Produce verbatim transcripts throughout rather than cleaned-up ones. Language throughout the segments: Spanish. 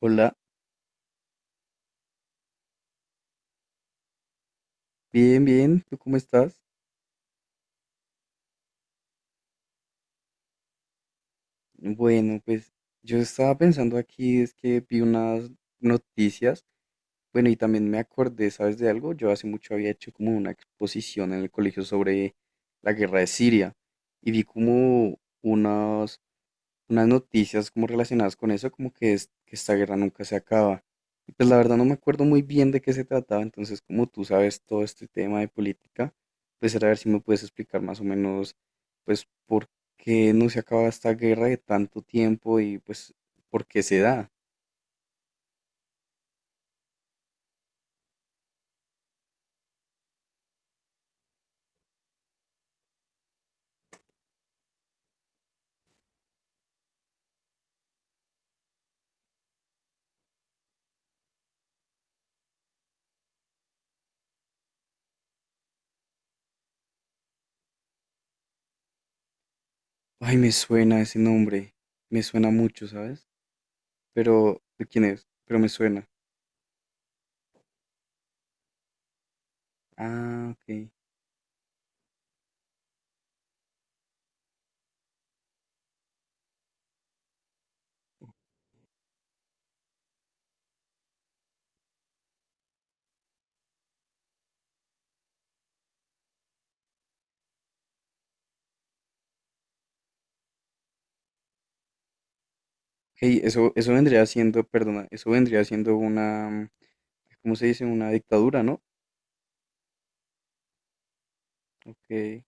Hola, bien, bien, ¿tú cómo estás? Bueno, pues yo estaba pensando aquí, es que vi unas noticias, bueno, y también me acordé, ¿sabes de algo? Yo hace mucho había hecho como una exposición en el colegio sobre la guerra de Siria y vi como unos unas noticias como relacionadas con eso, como que, es, que esta guerra nunca se acaba. Y pues la verdad no me acuerdo muy bien de qué se trataba, entonces como tú sabes todo este tema de política, pues era ver si me puedes explicar más o menos, pues por qué no se acaba esta guerra de tanto tiempo y pues por qué se da. Ay, me suena ese nombre, me suena mucho, ¿sabes? Pero, ¿de quién es? Pero me suena. Ah, ok. Hey, eso, eso vendría siendo, perdona, eso vendría siendo una, ¿cómo se dice? Una dictadura, ¿no? Ok,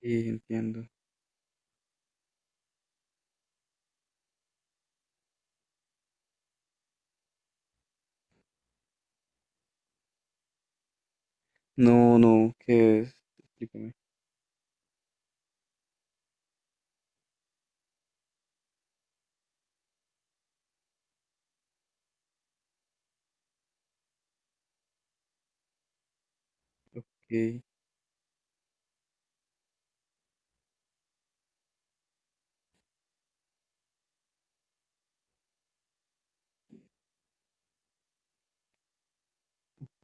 sí, entiendo. No, no, ¿qué es? Explícame. Ok,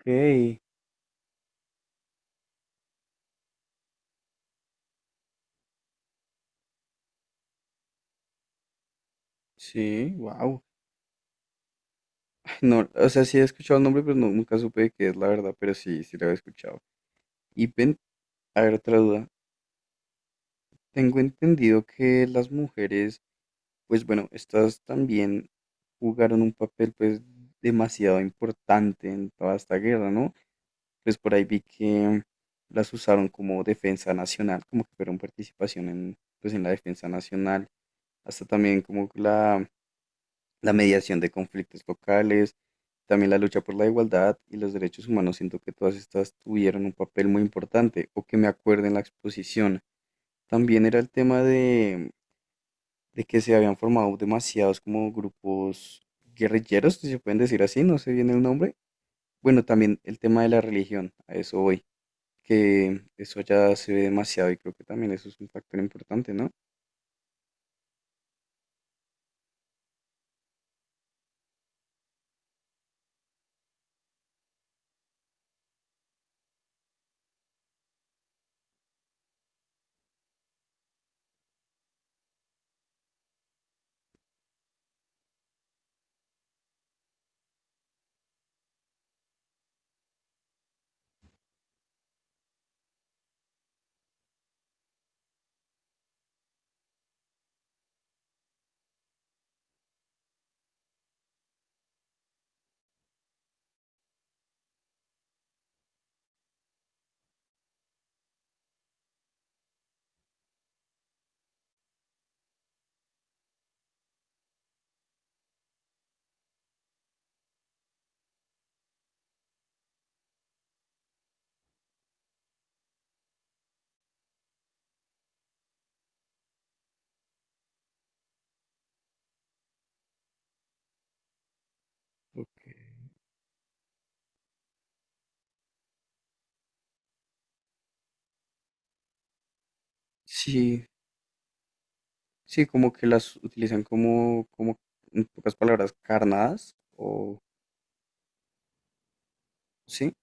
ok. Sí, wow. No, o sea, sí he escuchado el nombre, pero no- nunca supe de qué es la verdad, pero sí, sí lo había escuchado. Y ven, a ver, otra duda. Tengo entendido que las mujeres, pues bueno, estas también jugaron un papel pues demasiado importante en toda esta guerra, ¿no? Pues por ahí vi que las usaron como defensa nacional, como que fueron participación en, pues en la defensa nacional, hasta también como la, la mediación de conflictos locales, también la lucha por la igualdad y los derechos humanos, siento que todas estas tuvieron un papel muy importante, o que me acuerdo en la exposición. También era el tema de, de que se habían formado demasiados como grupos guerrilleros, si se pueden decir así, no sé bien el nombre. Bueno, también el tema de la religión, a eso voy, que eso ya se ve demasiado y creo que también eso es un factor importante, ¿no? Ok. Sí, sí, como que las utilizan como, como, en pocas palabras, carnadas o sí,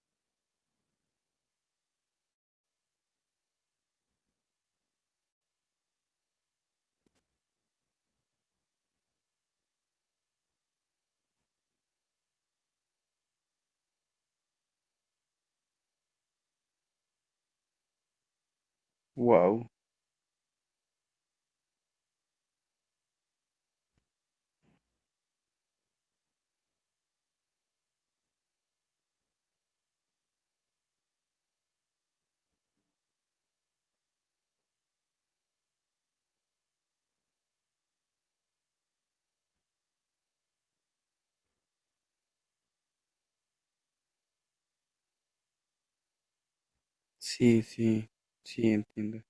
wow, sí, sí, sí, entiendo,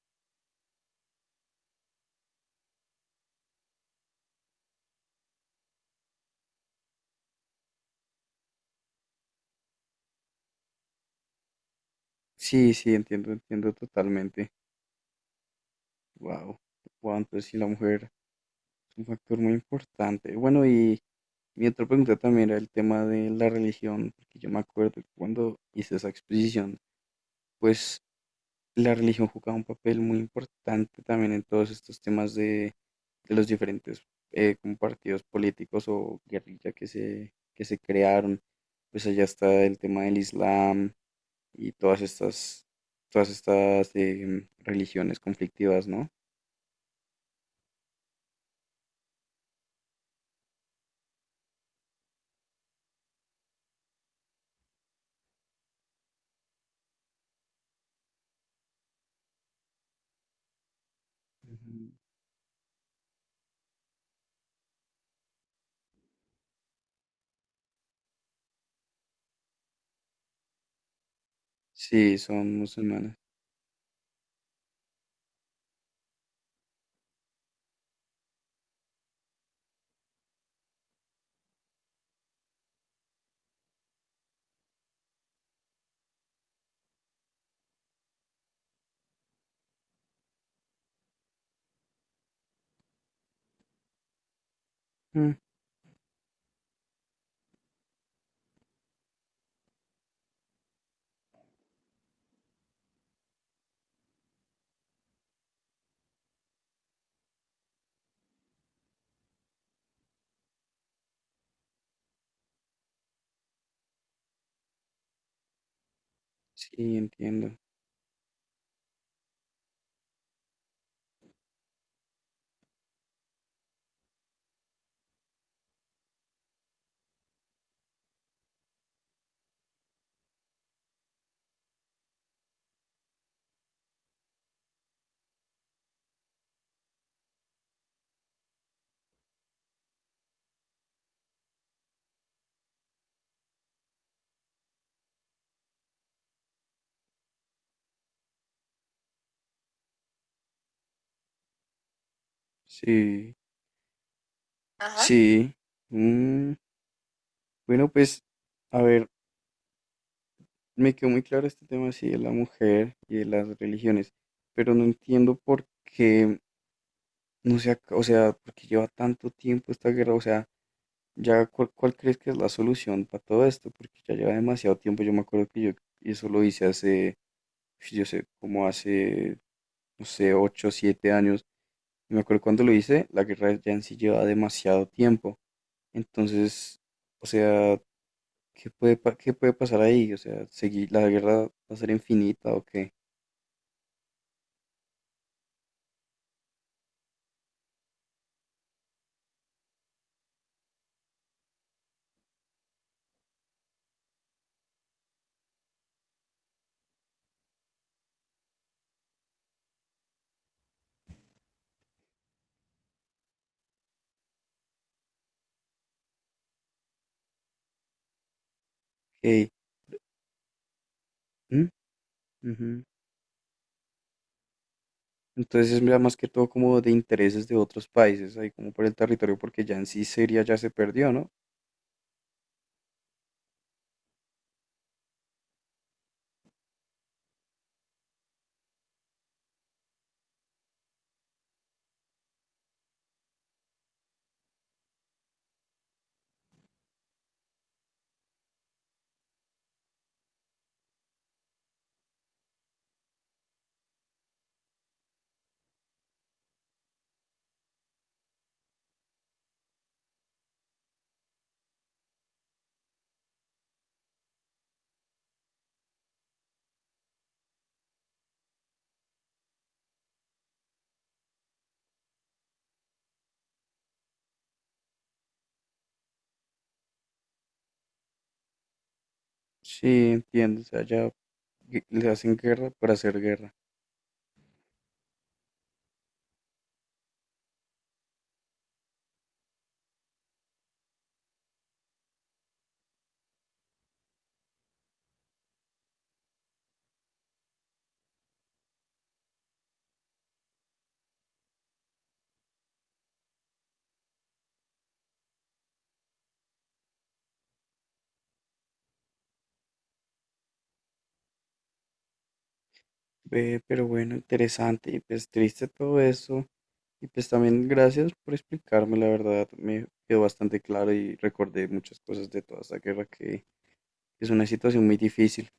sí, sí, entiendo, entiendo totalmente, wow, wow, entonces sí, la mujer es un factor muy importante. Bueno, y mi otra pregunta también era el tema de la religión, porque yo me acuerdo que cuando hice esa exposición, pues la religión jugaba un papel muy importante también en todos estos temas de, de los diferentes eh, como partidos políticos o guerrilla que se, que se crearon. Pues allá está el tema del Islam y todas estas, todas estas eh, religiones conflictivas, ¿no? Ujú. Sí, son musulmanes. Mm, sí, entiendo. Sí, ajá, sí. Mm, bueno, pues, a ver. Me quedó muy claro este tema, sí, de la mujer y de las religiones, pero no entiendo por qué, no sea o sea, por qué lleva tanto tiempo esta guerra, o sea, ya cuál, cuál crees que es la solución para todo esto, porque ya lleva demasiado tiempo, yo me acuerdo que yo eso lo hice hace, yo sé, como hace, no sé, ocho siete años, y me acuerdo cuando lo hice, la guerra ya en sí lleva demasiado tiempo, entonces, o sea, ¿qué puede, pa- qué puede pasar ahí? O sea, seguir, ¿la guerra va a ser infinita o qué? Ok. Mm, ujú. Entonces es ya más que todo como de intereses de otros países, ahí como por el territorio, porque ya en sí Siria ya se perdió, ¿no? Sí, entiendo, o sea, ya gue- le hacen guerra para hacer guerra. Ve, pero bueno, interesante y pues triste todo eso. Y pues también gracias por explicarme, la verdad, me quedó bastante claro y recordé muchas cosas de toda esta guerra que es una situación muy difícil.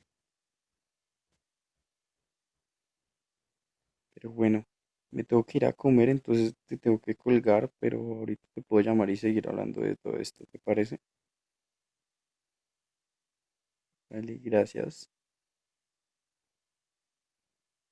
Pero bueno, me tengo que ir a comer, entonces te tengo que colgar, pero ahorita te puedo llamar y seguir hablando de todo esto, ¿te parece? Vale, gracias.